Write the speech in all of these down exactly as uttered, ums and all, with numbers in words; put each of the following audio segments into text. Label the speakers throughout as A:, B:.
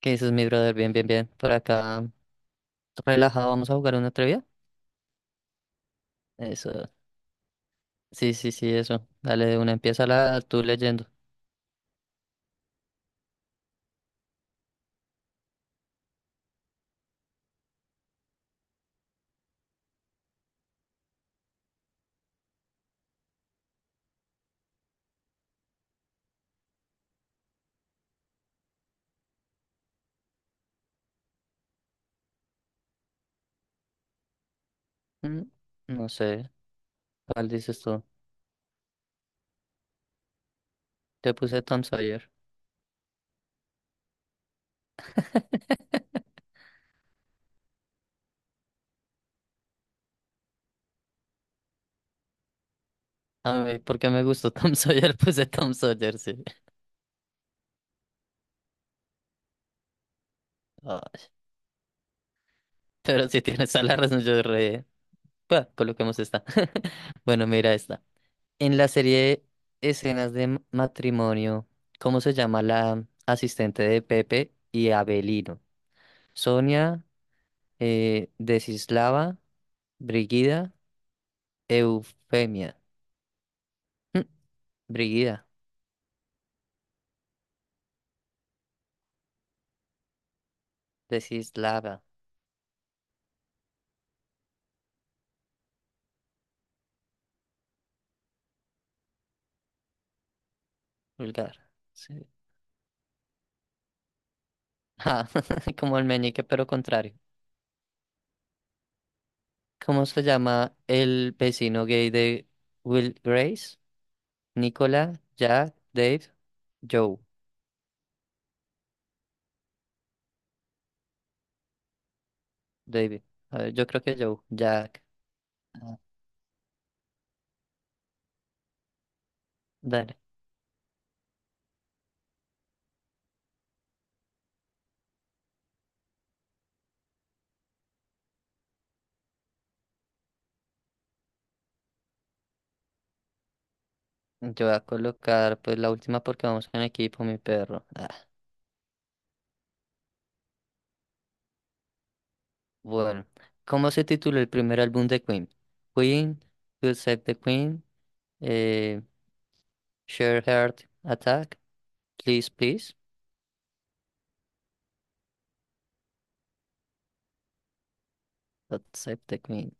A: ¿Qué dices, mi brother? Bien, bien, bien. Por acá, relajado, vamos a jugar una trivia. Eso. Sí, sí, sí, eso. Dale, de una empieza la tú leyendo. Mm, no sé, ¿cuál dices tú? Te puse Tom Sawyer. A mí, porque me gustó Tom Sawyer, puse Tom Sawyer, sí. Ay, pero si tienes a la razón, yo re... Bah, coloquemos esta. Bueno, mira esta. En la serie Escenas de Matrimonio, ¿cómo se llama la asistente de Pepe y Abelino? Sonia, eh, Desislava, Brigida, Eufemia. Mm, Brigida, Desislava, vulgar. Sí. Ah, como el meñique, pero contrario. ¿Cómo se llama el vecino gay de Will Grace? Nicola, Jack, Dave, Joe, David. A ver, yo creo que Joe, Jack. Ah, dale. Yo voy a colocar pues la última porque vamos en equipo, mi perro. Ah. Bueno, ¿cómo se tituló el primer álbum de Queen? Queen, You Save the Queen, eh, Share Heart Attack, Please Please, God Save the Queen.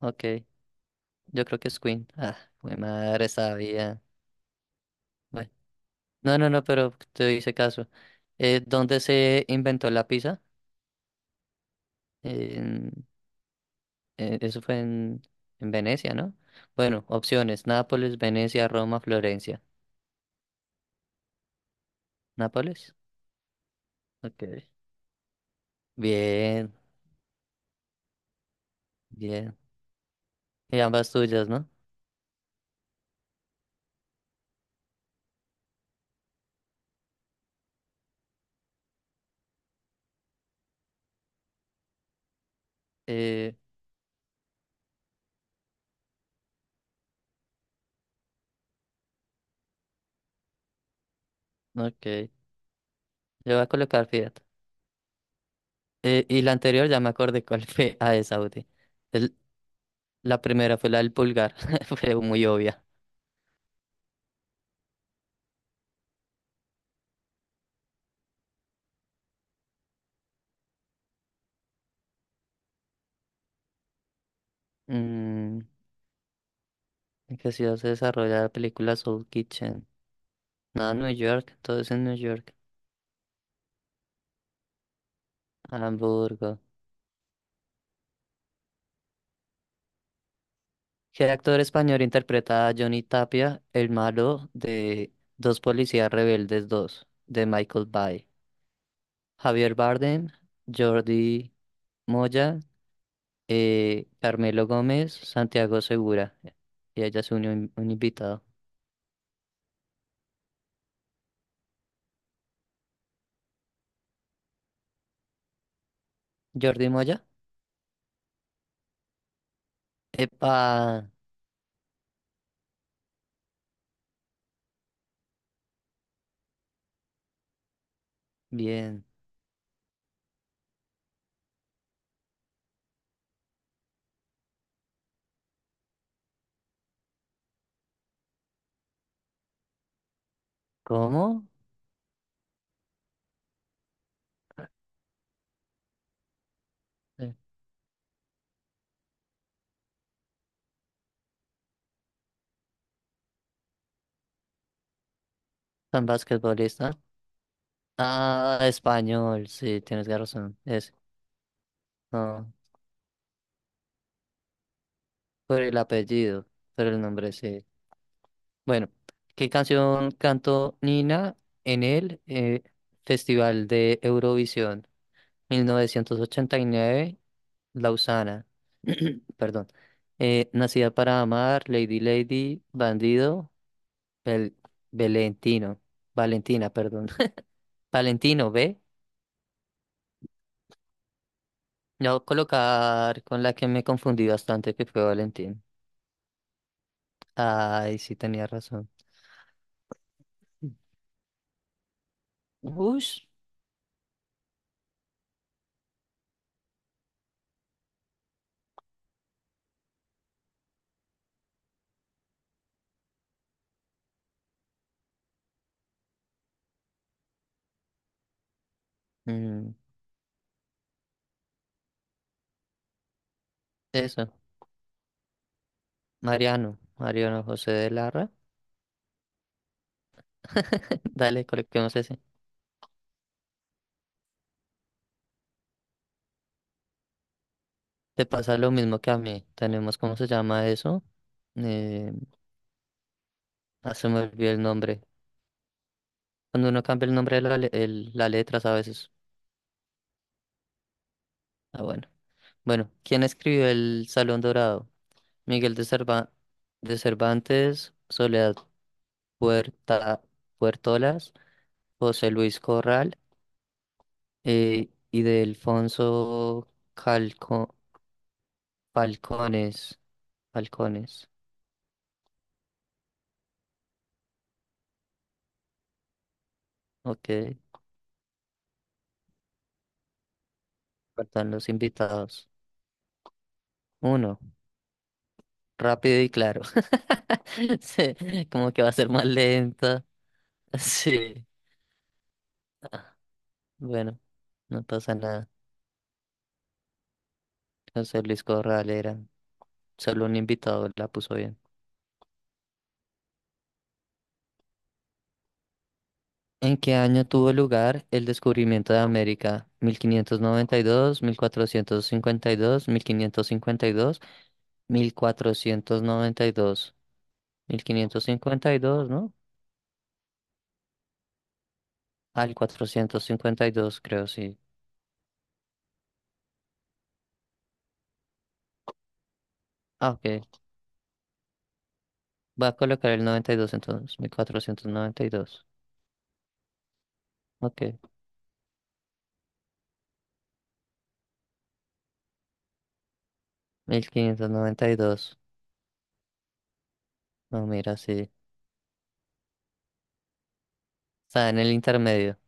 A: Ok, yo creo que es Queen. Ah, mi madre sabía. Bueno, no, no, no, pero te hice caso. Eh, ¿dónde se inventó la pizza? En- eh, eso fue en, en Venecia, ¿no? Bueno, opciones, Nápoles, Venecia, Roma, Florencia. ¿Nápoles? Ok. Bien, bien. Y ambas tuyas, ¿no? Eh, ok, yo voy a colocar Fiat. Eh, y la anterior ya me acordé cuál fue a esa Audi. El- la primera fue la del pulgar, fue muy obvia. Mm, ¿en qué ciudad se desarrolla la película Soul Kitchen? No, New York, todo es en New York. Hamburgo. ¿Qué actor español interpreta a Johnny Tapia, el malo de Dos Policías Rebeldes dos de Michael Bay? Javier Bardem, Jordi Moya, eh, Carmelo Gómez, Santiago Segura. Y ella se unió un, un invitado. Jordi Moya. Epa, bien. ¿Cómo? Eh, Tan basquetbolista. Ah, español, sí, tienes razón. Es, no, por el apellido, por el nombre, sí. Bueno, ¿qué canción cantó Nina en el eh, Festival de Eurovisión mil novecientos ochenta y nueve, Lausana? Perdón. Eh, Nacida para amar, Lady Lady, Bandido, Bel Valentino, Valentina, perdón. Valentino, ¿ve? No voy a colocar con la que me confundí bastante, que fue Valentín. Ay, sí tenía razón. Ush. Mm, eso. Mariano, Mariano José de Larra. Dale, coloquemos ese. Te pasa lo mismo que a mí. Tenemos, ¿cómo se llama eso? Eh, ah, se me olvidó el nombre. Cuando uno cambia el nombre de la, le- el- la letra, ¿sabes? Ah, bueno. Bueno, ¿quién escribió El Salón Dorado? Miguel de Cerva- de Cervantes, Soledad Puerta Puertolas, José Luis Corral eh, y de Alfonso Calco Falcones. Falcones. Ok, faltan los invitados. Uno, rápido y claro. Sí, como que va a ser más lenta. Sí. Ah, bueno, no pasa nada. José Luis Corral era. Solo un invitado la puso bien. ¿En qué año tuvo lugar el descubrimiento de América? ¿mil quinientos noventa y dos, mil cuatrocientos cincuenta y dos, mil quinientos cincuenta y dos, mil cuatrocientos noventa y dos? mil quinientos cincuenta y dos, ¿no? Al cuatrocientos cincuenta y dos, creo, sí. Ah, ok. Voy a colocar el noventa y dos entonces. mil cuatrocientos noventa y dos. Ok. mil quinientos noventa y dos. No, mira, sí. Está en el intermedio.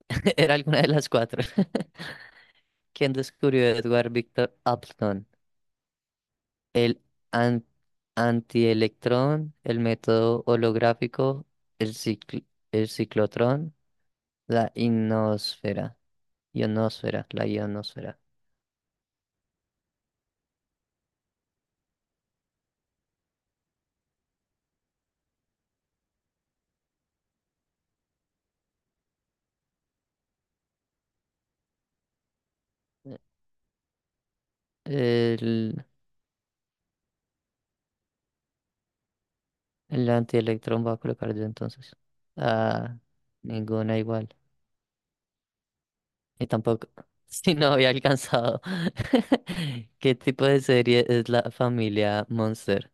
A: Era alguna de las cuatro. ¿Quién descubrió Edward Victor Upton? el an- antielectrón, el método holográfico, el cicl- el ciclotrón, la ionosfera, ionosfera, la ionosfera. El, el antielectrón va a colocar yo entonces. Ah, ninguna igual. Y tampoco, si no había alcanzado. ¿Qué tipo de serie es la familia Monster?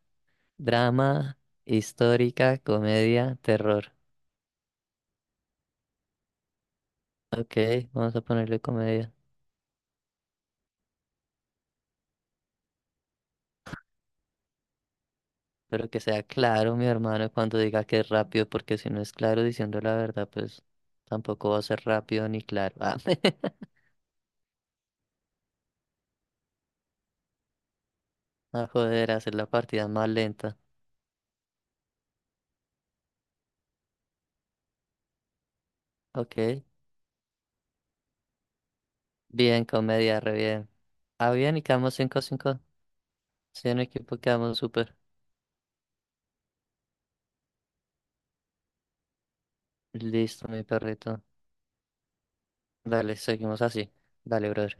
A: Drama, histórica, comedia, terror. Ok, vamos a ponerle comedia. Pero que sea claro, mi hermano, cuando diga que es rápido, porque si no es claro diciendo la verdad, pues tampoco va a ser rápido ni claro. Ah, a joder, a hacer la partida más lenta. Ok, bien, comedia, re bien. Ah, bien, y quedamos 5 cinco. Sí, en equipo quedamos súper. Listo, mi perrito. Dale, seguimos así. Dale, brother.